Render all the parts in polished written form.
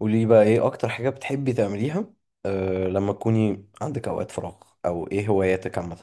قولي لي بقى ايه اكتر حاجة بتحبي تعمليها؟ لما تكوني عندك اوقات فراغ، او ايه هواياتك عامة؟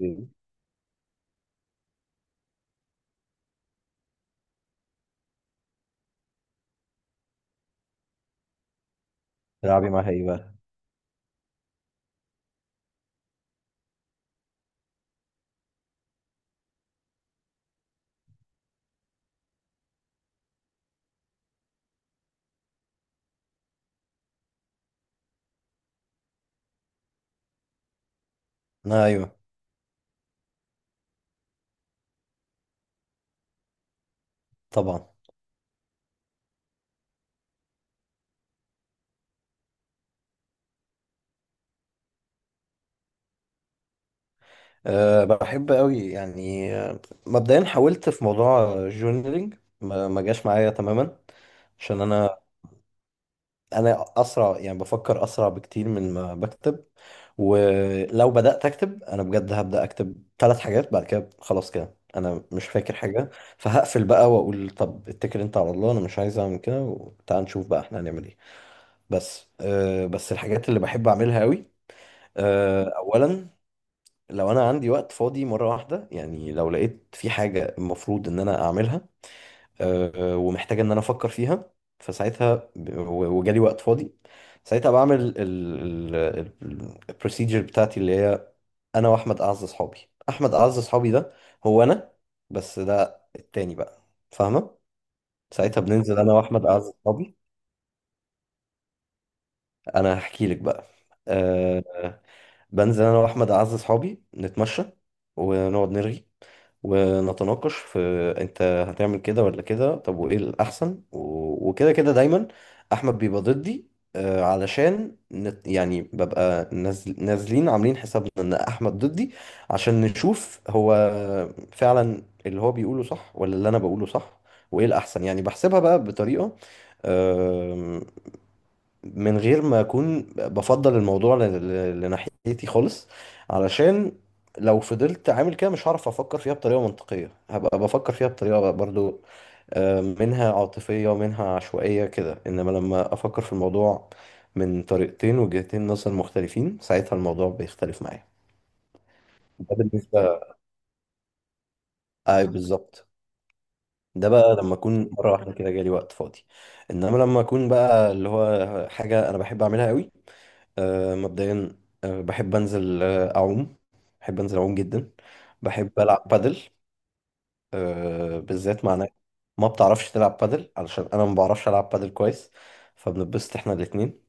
مم. بتلعبي معاها ايه بقى؟ آه، ايوه. طبعا. بحب قوي، يعني، مبدئيا حاولت في موضوع الجورنالينج. ما جاش معايا تماما، عشان انا اسرع، يعني بفكر اسرع بكتير من ما بكتب. ولو بدأت أكتب أنا بجد هبدأ أكتب ثلاث حاجات، بعد كده خلاص كده أنا مش فاكر حاجة. فهقفل بقى وأقول طب اتكل أنت على الله، أنا مش عايز أعمل كده، وتعال نشوف بقى إحنا هنعمل إيه. بس بس الحاجات اللي بحب أعملها أوي. أولا، لو أنا عندي وقت فاضي مرة واحدة، يعني لو لقيت في حاجة المفروض إن أنا أعملها ومحتاجه ان انا افكر فيها، فساعتها وجالي وقت فاضي. ساعتها بعمل البروسيجر بتاعتي، اللي هي انا واحمد اعز اصحابي. احمد اعز اصحابي ده هو انا، بس ده التاني بقى، فاهمه؟ ساعتها بننزل انا واحمد اعز اصحابي. انا هحكي لك بقى. أه بنزل انا واحمد اعز اصحابي، نتمشى ونقعد نرغي ونتناقش في، انت هتعمل كده ولا كده، طب وايه الاحسن، وكده، كده دايما احمد بيبقى ضدي. علشان نت، يعني ببقى نازل، نازلين عاملين حسابنا ان احمد ضدي، عشان نشوف هو فعلا اللي هو بيقوله صح ولا اللي انا بقوله صح، وايه الاحسن. يعني بحسبها بقى بطريقة من غير ما اكون بفضل الموضوع لناحيتي خالص، علشان لو فضلت عامل كده مش هعرف افكر فيها بطريقه منطقيه، هبقى بفكر فيها بطريقه برضو، منها عاطفيه ومنها عشوائيه كده. انما لما افكر في الموضوع من طريقتين، وجهتين نظر مختلفين، ساعتها الموضوع بيختلف معايا. ده بالنسبه. اي بالظبط. ده بقى لما اكون مره واحده كده جالي وقت فاضي، انما لما اكون بقى اللي هو حاجه انا بحب اعملها قوي، مبدئيا، بحب انزل، اعوم. بحب انزل اعوم جدا. بحب العب بادل. بالذات مع ناس ما بتعرفش تلعب بادل، علشان انا ما بعرفش العب بادل كويس، فبنتبسط احنا الاثنين.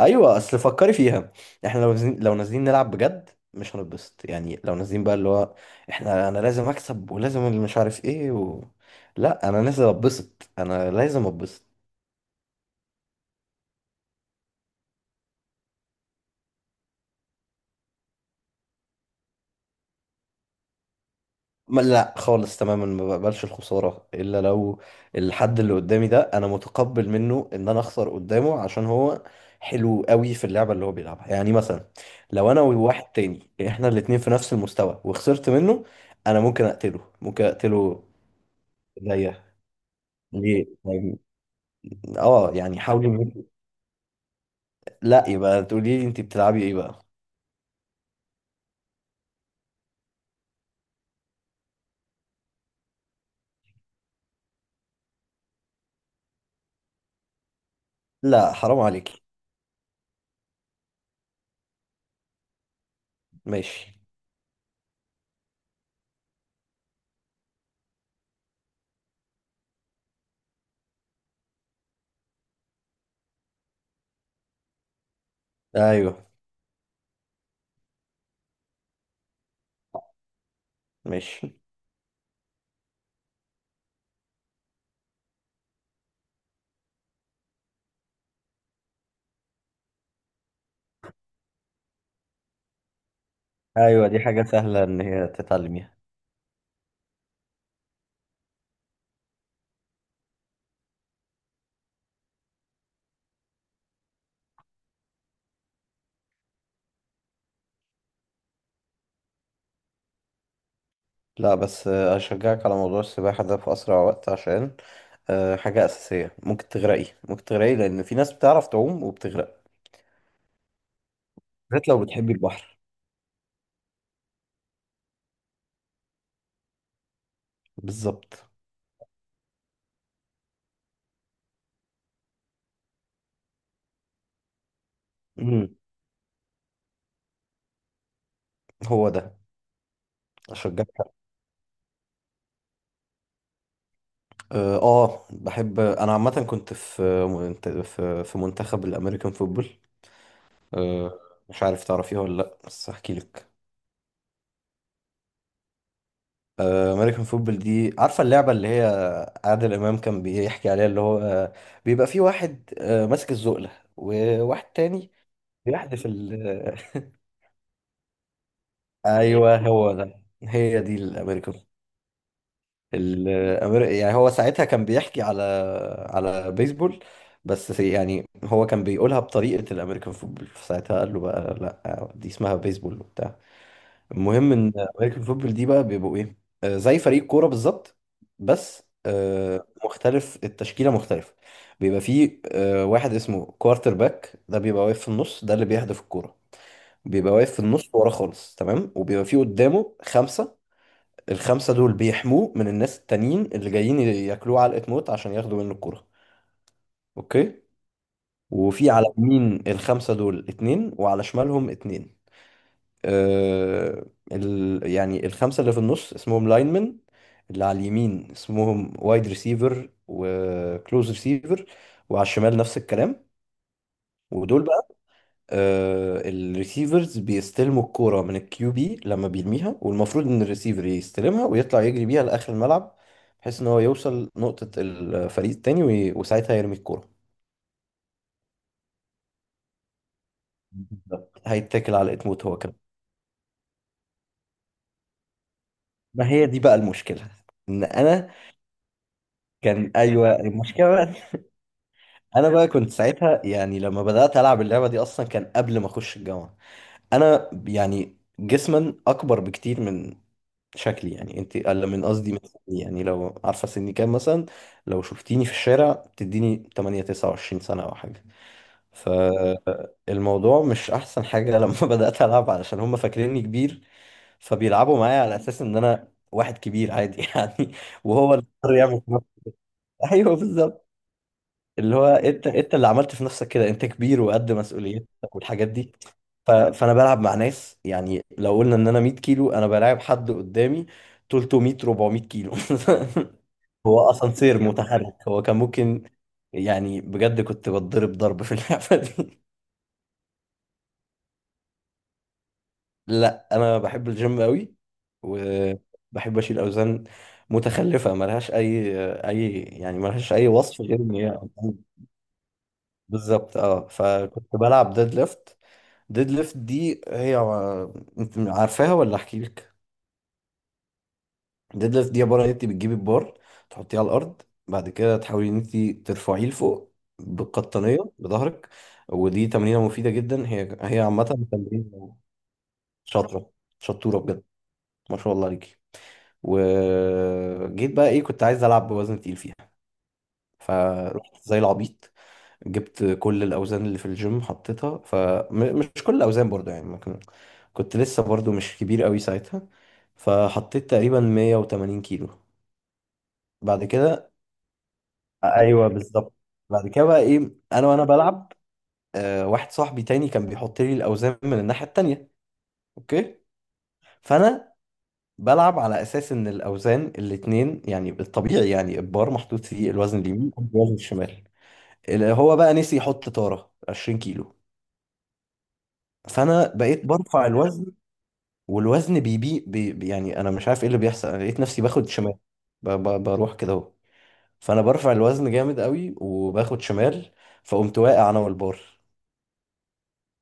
ايوه اصل فكري فيها. احنا لو نازلين، نلعب بجد مش هنتبسط. يعني لو نازلين بقى اللي هو احنا، انا لازم اكسب ولازم اللي مش عارف ايه و... لا انا نازل اتبسط، انا لازم اتبسط. ما لا خالص تماما، ما بقبلش الخساره الا لو الحد اللي قدامي ده انا متقبل منه ان انا اخسر قدامه، عشان هو حلو قوي في اللعبه اللي هو بيلعبها. يعني مثلا لو انا وواحد تاني احنا الاتنين في نفس المستوى وخسرت منه، انا ممكن اقتله، ممكن اقتله زيه. ليه طيب؟ اه يعني حاولي إنك- لا يبقى تقولي لي انت بتلعبي ايه بقى. لا حرام عليكي. ماشي. ايوه. ماشي. ايوه دي حاجة سهلة ان هي تتعلميها. لا بس اشجعك على موضوع السباحة ده في اسرع وقت، عشان حاجة اساسية، ممكن تغرقي، ممكن تغرقي لان في ناس بتعرف تعوم وبتغرق، بالذات لو بتحبي البحر. بالظبط. امم. هو ده. اشجعك. بحب انا عامة، كنت في في منتخب الامريكان فوتبول. أه مش عارف تعرفيها ولا لأ، بس هحكي لك. امريكان فوتبول دي، عارفة اللعبة اللي هي عادل إمام كان بيحكي عليها اللي هو بيبقى في واحد ماسك الزقلة وواحد تاني بيحدف ال أيوه، هو ده، هي دي الأمريكان. يعني هو ساعتها كان بيحكي على، على بيسبول، بس يعني هو كان بيقولها بطريقة الأمريكان فوتبول، فساعتها قال له بقى لأ، دي اسمها بيسبول وبتاع. المهم ان امريكان فوتبول دي بقى بيبقوا ايه؟ زي فريق كوره بالظبط، بس مختلف، التشكيله مختلفه. بيبقى فيه واحد اسمه كوارتر باك، ده بيبقى واقف في النص، ده اللي بيهدف الكوره. بيبقى واقف في النص ورا خالص، تمام، وبيبقى فيه قدامه خمسه. الخمسه دول بيحموه من الناس التانيين اللي جايين ياكلوه علقه موت عشان ياخدوا منه الكوره. اوكي. وفي على يمين الخمسه دول اتنين وعلى شمالهم اتنين. آه، يعني الخمسة اللي في النص اسمهم لاينمن. اللي على اليمين اسمهم وايد ريسيفر وكلوز ريسيفر، وعلى الشمال نفس الكلام. ودول بقى الريسيفرز بيستلموا الكورة من الكيو بي لما بيرميها، والمفروض ان الريسيفر يستلمها ويطلع يجري بيها لآخر الملعب، بحيث ان هو يوصل نقطة الفريق التاني، وساعتها يرمي الكورة. بالظبط. هيتكل على اتموت هو كمان. ما هي دي بقى المشكلة، ان انا. كان ايوه المشكله بقى، انا بقى كنت ساعتها، يعني لما بدات العب اللعبه دي اصلا كان قبل ما اخش الجامعه. انا يعني جسما اكبر بكتير من شكلي، يعني انت اقل من، قصدي من سني. يعني لو عارفه سني كام مثلا، لو شفتيني في الشارع تديني 8 29 سنه او حاجه. فالموضوع مش احسن حاجه لما بدات العب، علشان هم فاكريني كبير، فبيلعبوا معايا على اساس ان انا واحد كبير عادي يعني. وهو اللي اضطر يعمل في نفسه. ايوه بالظبط. اللي هو انت، اللي عملت في نفسك كده انت كبير وقد مسؤوليتك والحاجات دي. فانا بلعب مع ناس، يعني لو قلنا ان انا 100 كيلو، انا بلاعب حد قدامي 300، 400 كيلو. هو اسانسير متحرك هو، كان ممكن يعني بجد كنت بتضرب ضرب في اللعبة دي. لا انا بحب الجيم قوي، وبحب اشيل اوزان متخلفة ملهاش اي، اي يعني، ملهاش اي وصف غير ان هي. بالظبط. اه فكنت بلعب ديد ليفت. ديد ليفت دي هي، انت عارفاها ولا احكي لك؟ ديد ليفت دي عباره ان انت بتجيبي البار، تحطيه على الارض، بعد كده تحاولي ان انت ترفعيه لفوق بالقطنيه بظهرك. ودي تمرينه مفيده جدا، هي عامه. تمرين. شاطره. شطوره بجد، ما شاء الله عليكي. وجيت بقى ايه، كنت عايز العب بوزن تقيل فيها، فرحت زي العبيط، جبت كل الاوزان اللي في الجيم حطيتها. فمش كل الاوزان برضو، يعني ممكن، كنت لسه برضو مش كبير قوي ساعتها. فحطيت تقريبا 180 كيلو. بعد كده. ايوه بالظبط. بعد كده بقى ايه، انا وانا بلعب، واحد صاحبي تاني كان بيحط لي الاوزان من الناحيه التانيه. اوكي. فانا بلعب على اساس ان الاوزان الاتنين، يعني الطبيعي يعني البار محطوط فيه الوزن اليمين والوزن الشمال. اللي هو بقى نسي يحط طاره 20 كيلو. فانا بقيت برفع الوزن، والوزن بيبي يعني انا مش عارف ايه اللي بيحصل، انا لقيت نفسي باخد شمال، بروح كده اهو. فانا برفع الوزن جامد قوي وباخد شمال. فقمت واقع انا والبار،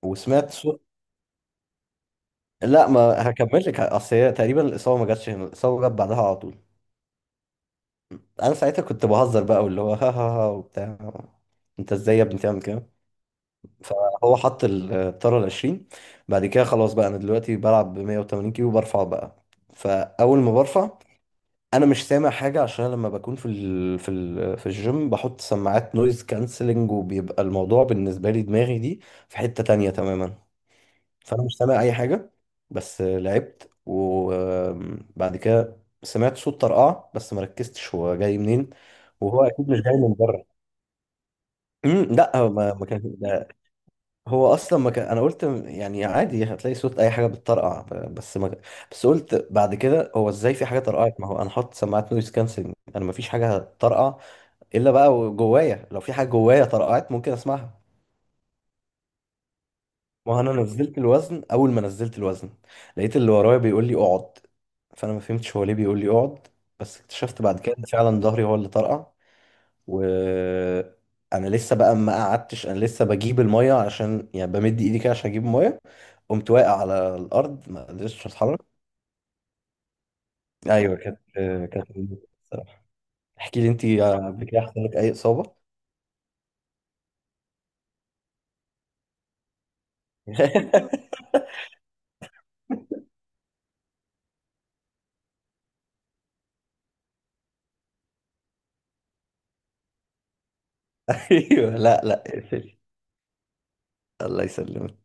وسمعت صوت. لا، ما هكمل لك، اصل هي تقريبا الاصابه ما جاتش هنا، الاصابه جت بعدها على طول. انا ساعتها كنت بهزر بقى، واللي هو ها ها، ها وبتاع، انت ازاي يا ابني تعمل كده. فهو حط الطاره ال 20. بعد كده خلاص بقى، انا دلوقتي بلعب ب 180 كيلو، برفع بقى. فاول ما برفع، انا مش سامع حاجه، عشان لما بكون في في الجيم بحط سماعات نويز كانسلنج، وبيبقى الموضوع بالنسبه لي دماغي دي في حته تانية تماما. فانا مش سامع اي حاجه. بس لعبت وبعد كده سمعت صوت طرقعه، بس ما ركزتش هو جاي منين، وهو اكيد مش جاي من بره. لا هو ما كان، هو اصلا ما كان، انا قلت يعني عادي هتلاقي صوت اي حاجه بتطرقع، بس ما، بس قلت بعد كده هو ازاي في حاجه طرقعت، ما هو انا حاطط سماعات نويز كانسلنج، انا ما فيش حاجه هتطرقع الا بقى جوايا، لو في حاجه جوايا طرقعت ممكن اسمعها. ما هو انا نزلت الوزن، اول ما نزلت الوزن لقيت اللي ورايا بيقول لي اقعد. فانا ما فهمتش هو ليه بيقول لي اقعد، بس اكتشفت بعد كده ان فعلا ظهري هو اللي طرقع. وانا لسه بقى ما قعدتش، انا لسه بجيب الميه، عشان يعني بمد ايدي كده عشان اجيب الميه، قمت واقع على الارض ما قدرتش اتحرك. ايوه كانت، كانت الصراحه. احكي لي انت، قبل كده حصل لك اي اصابه؟ ايوه لا لا اقفلي. الله يسلمك.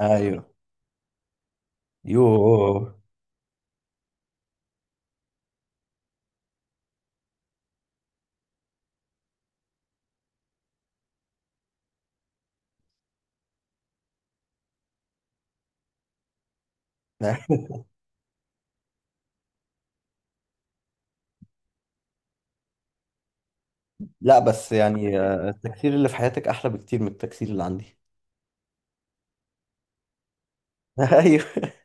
ايوه. يوه. لا بس يعني التكسير اللي في حياتك احلى بكتير من التكسير اللي عندي. ايوه